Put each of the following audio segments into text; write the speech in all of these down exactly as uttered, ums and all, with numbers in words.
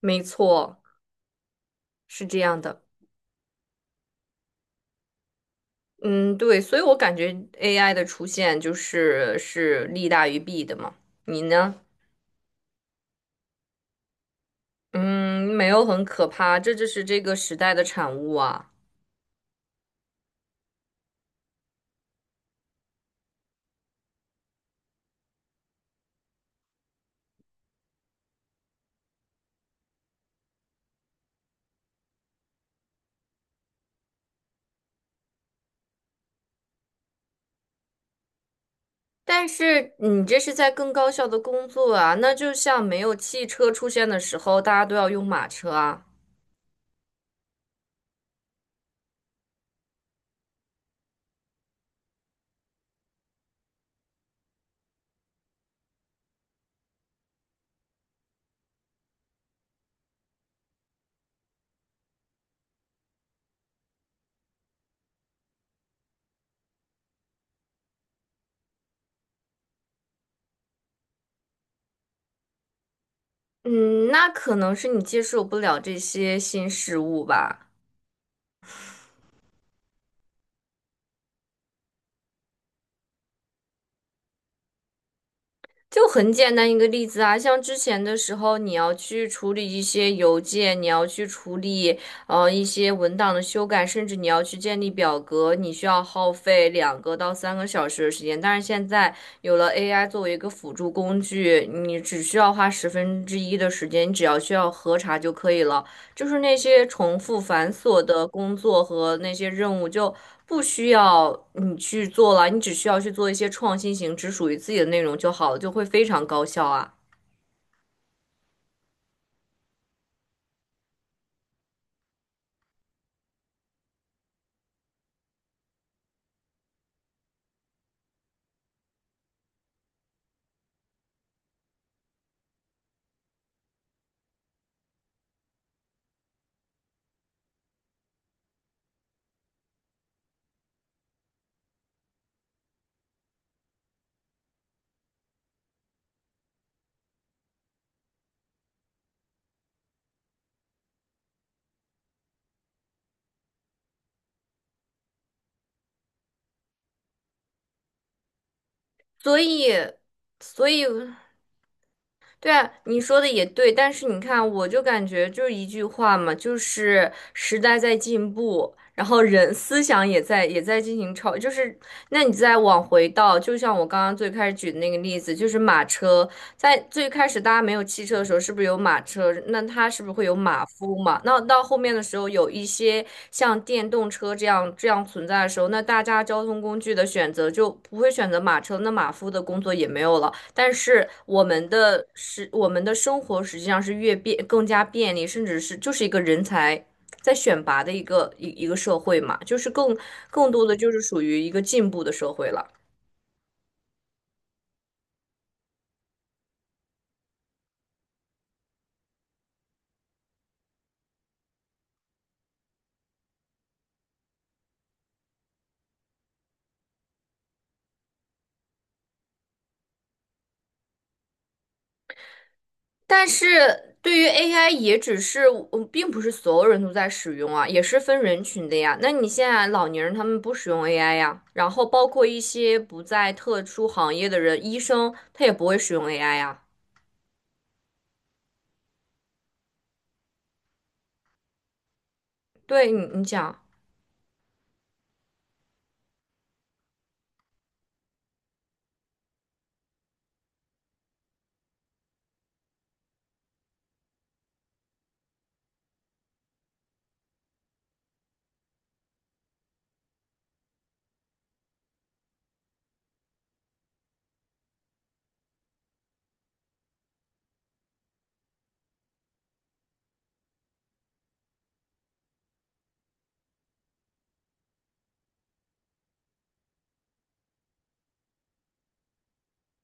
没错，是这样的。嗯，对，所以我感觉 A I 的出现就是是利大于弊的嘛。你呢？嗯，没有很可怕，这就是这个时代的产物啊。但是你这是在更高效的工作啊，那就像没有汽车出现的时候，大家都要用马车啊。嗯，那可能是你接受不了这些新事物吧。就很简单一个例子啊，像之前的时候，你要去处理一些邮件，你要去处理呃一些文档的修改，甚至你要去建立表格，你需要耗费两个到三个小时的时间。但是现在有了 A I 作为一个辅助工具，你只需要花十分之一的时间，你只要需要核查就可以了。就是那些重复繁琐的工作和那些任务就不需要你去做了，你只需要去做一些创新型、只属于自己的内容就好了，就会非常高效啊。所以，所以，对啊，你说的也对，但是你看，我就感觉就是一句话嘛，就是时代在进步，然后人思想也在也在进行超，就是那你再往回到，就像我刚刚最开始举的那个例子，就是马车。在最开始大家没有汽车的时候，是不是有马车？那它是不是会有马夫嘛？那到后面的时候，有一些像电动车这样这样存在的时候，那大家交通工具的选择就不会选择马车，那马夫的工作也没有了。但是我们的是我们的生活实际上是越便更加便利，甚至是就是一个人才在选拔的一个一一个社会嘛，就是更更多的就是属于一个进步的社会了。但是对于 A I 也只是，嗯并不是所有人都在使用啊，也是分人群的呀。那你现在老年人他们不使用 A I 呀，然后包括一些不在特殊行业的人，医生他也不会使用 A I 呀。对你，你讲。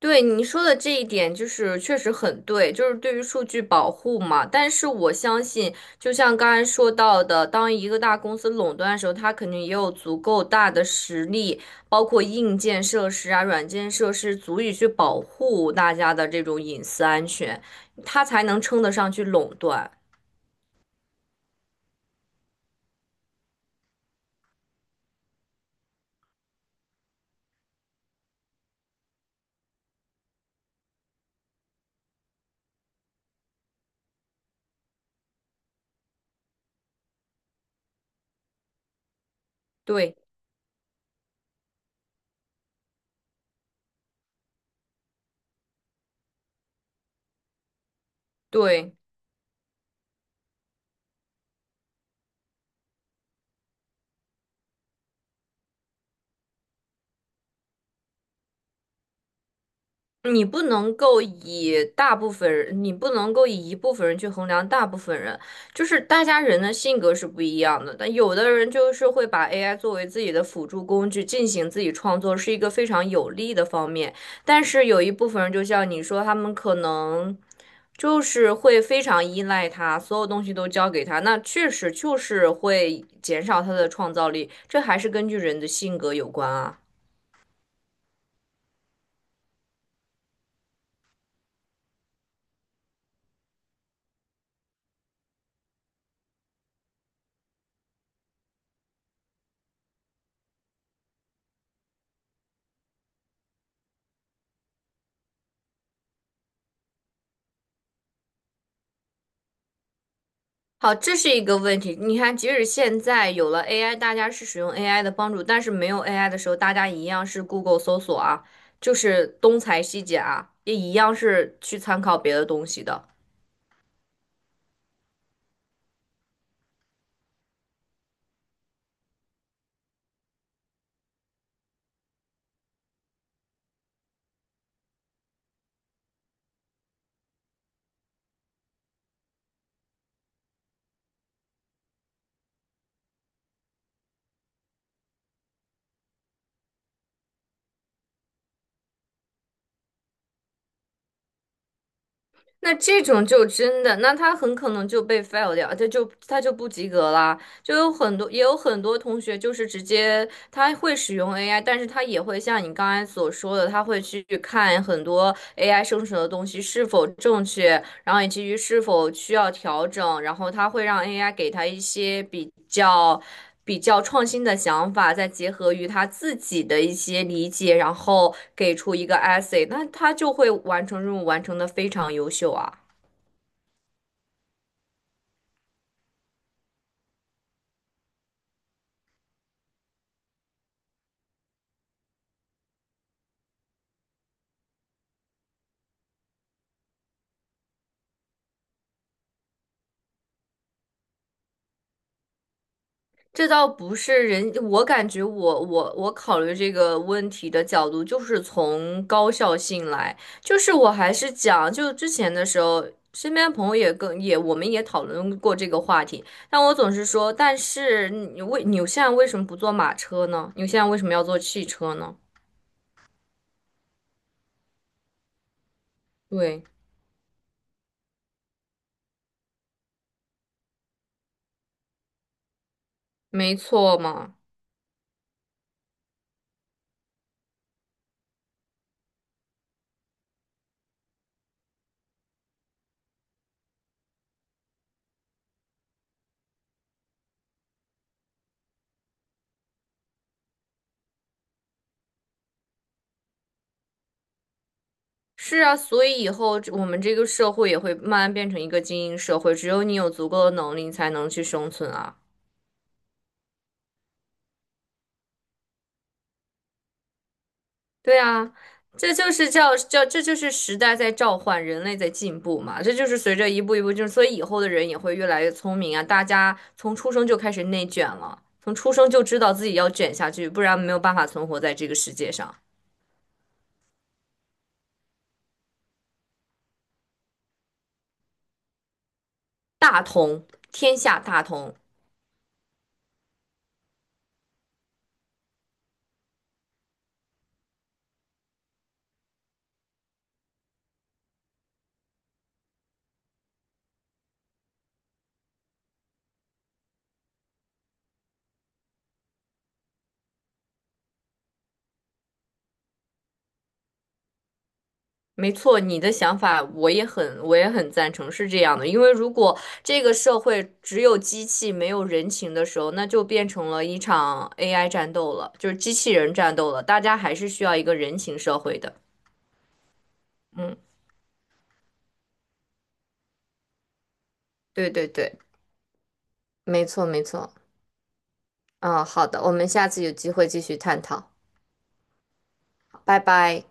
对你说的这一点，就是确实很对，就是对于数据保护嘛。但是我相信，就像刚才说到的，当一个大公司垄断的时候，它肯定也有足够大的实力，包括硬件设施啊、软件设施，足以去保护大家的这种隐私安全，它才能称得上去垄断。对对。你不能够以大部分人，你不能够以一部分人去衡量大部分人，就是大家人的性格是不一样的。但有的人就是会把 A I 作为自己的辅助工具进行自己创作，是一个非常有利的方面。但是有一部分人，就像你说，他们可能就是会非常依赖他，所有东西都交给他，那确实就是会减少他的创造力。这还是根据人的性格有关啊。好，这是一个问题。你看，即使现在有了 A I，大家是使用 A I 的帮助，但是没有 A I 的时候，大家一样是 Google 搜索啊，就是东裁西剪啊，也一样是去参考别的东西的。那这种就真的，那他很可能就被 fail 掉，他就他就不及格啦。就有很多，也有很多同学就是直接他会使用 A I，但是他也会像你刚才所说的，他会去看很多 A I 生成的东西是否正确，然后以及于是否需要调整，然后它会让 A I 给他一些比较比较创新的想法，再结合于他自己的一些理解，然后给出一个 essay，那他就会完成任务，完成的非常优秀啊。这倒不是人，我感觉我我我考虑这个问题的角度就是从高效性来，就是我还是讲，就之前的时候，身边朋友也跟也我们也讨论过这个话题，但我总是说，但是你为你现在为什么不坐马车呢？你现在为什么要坐汽车呢？对，没错嘛。是啊，所以以后这我们这个社会也会慢慢变成一个精英社会，只有你有足够的能力，你才能去生存啊。对啊，这就是叫叫，这就是时代在召唤，人类在进步嘛。这就是随着一步一步，就是所以以后的人也会越来越聪明啊。大家从出生就开始内卷了，从出生就知道自己要卷下去，不然没有办法存活在这个世界上。大同，天下大同，没错，你的想法我也很，我也很赞成，是这样的。因为如果这个社会只有机器没有人情的时候，那就变成了一场 A I 战斗了，就是机器人战斗了。大家还是需要一个人情社会的。嗯，对对对，没错没错。嗯，好的，我们下次有机会继续探讨。拜拜。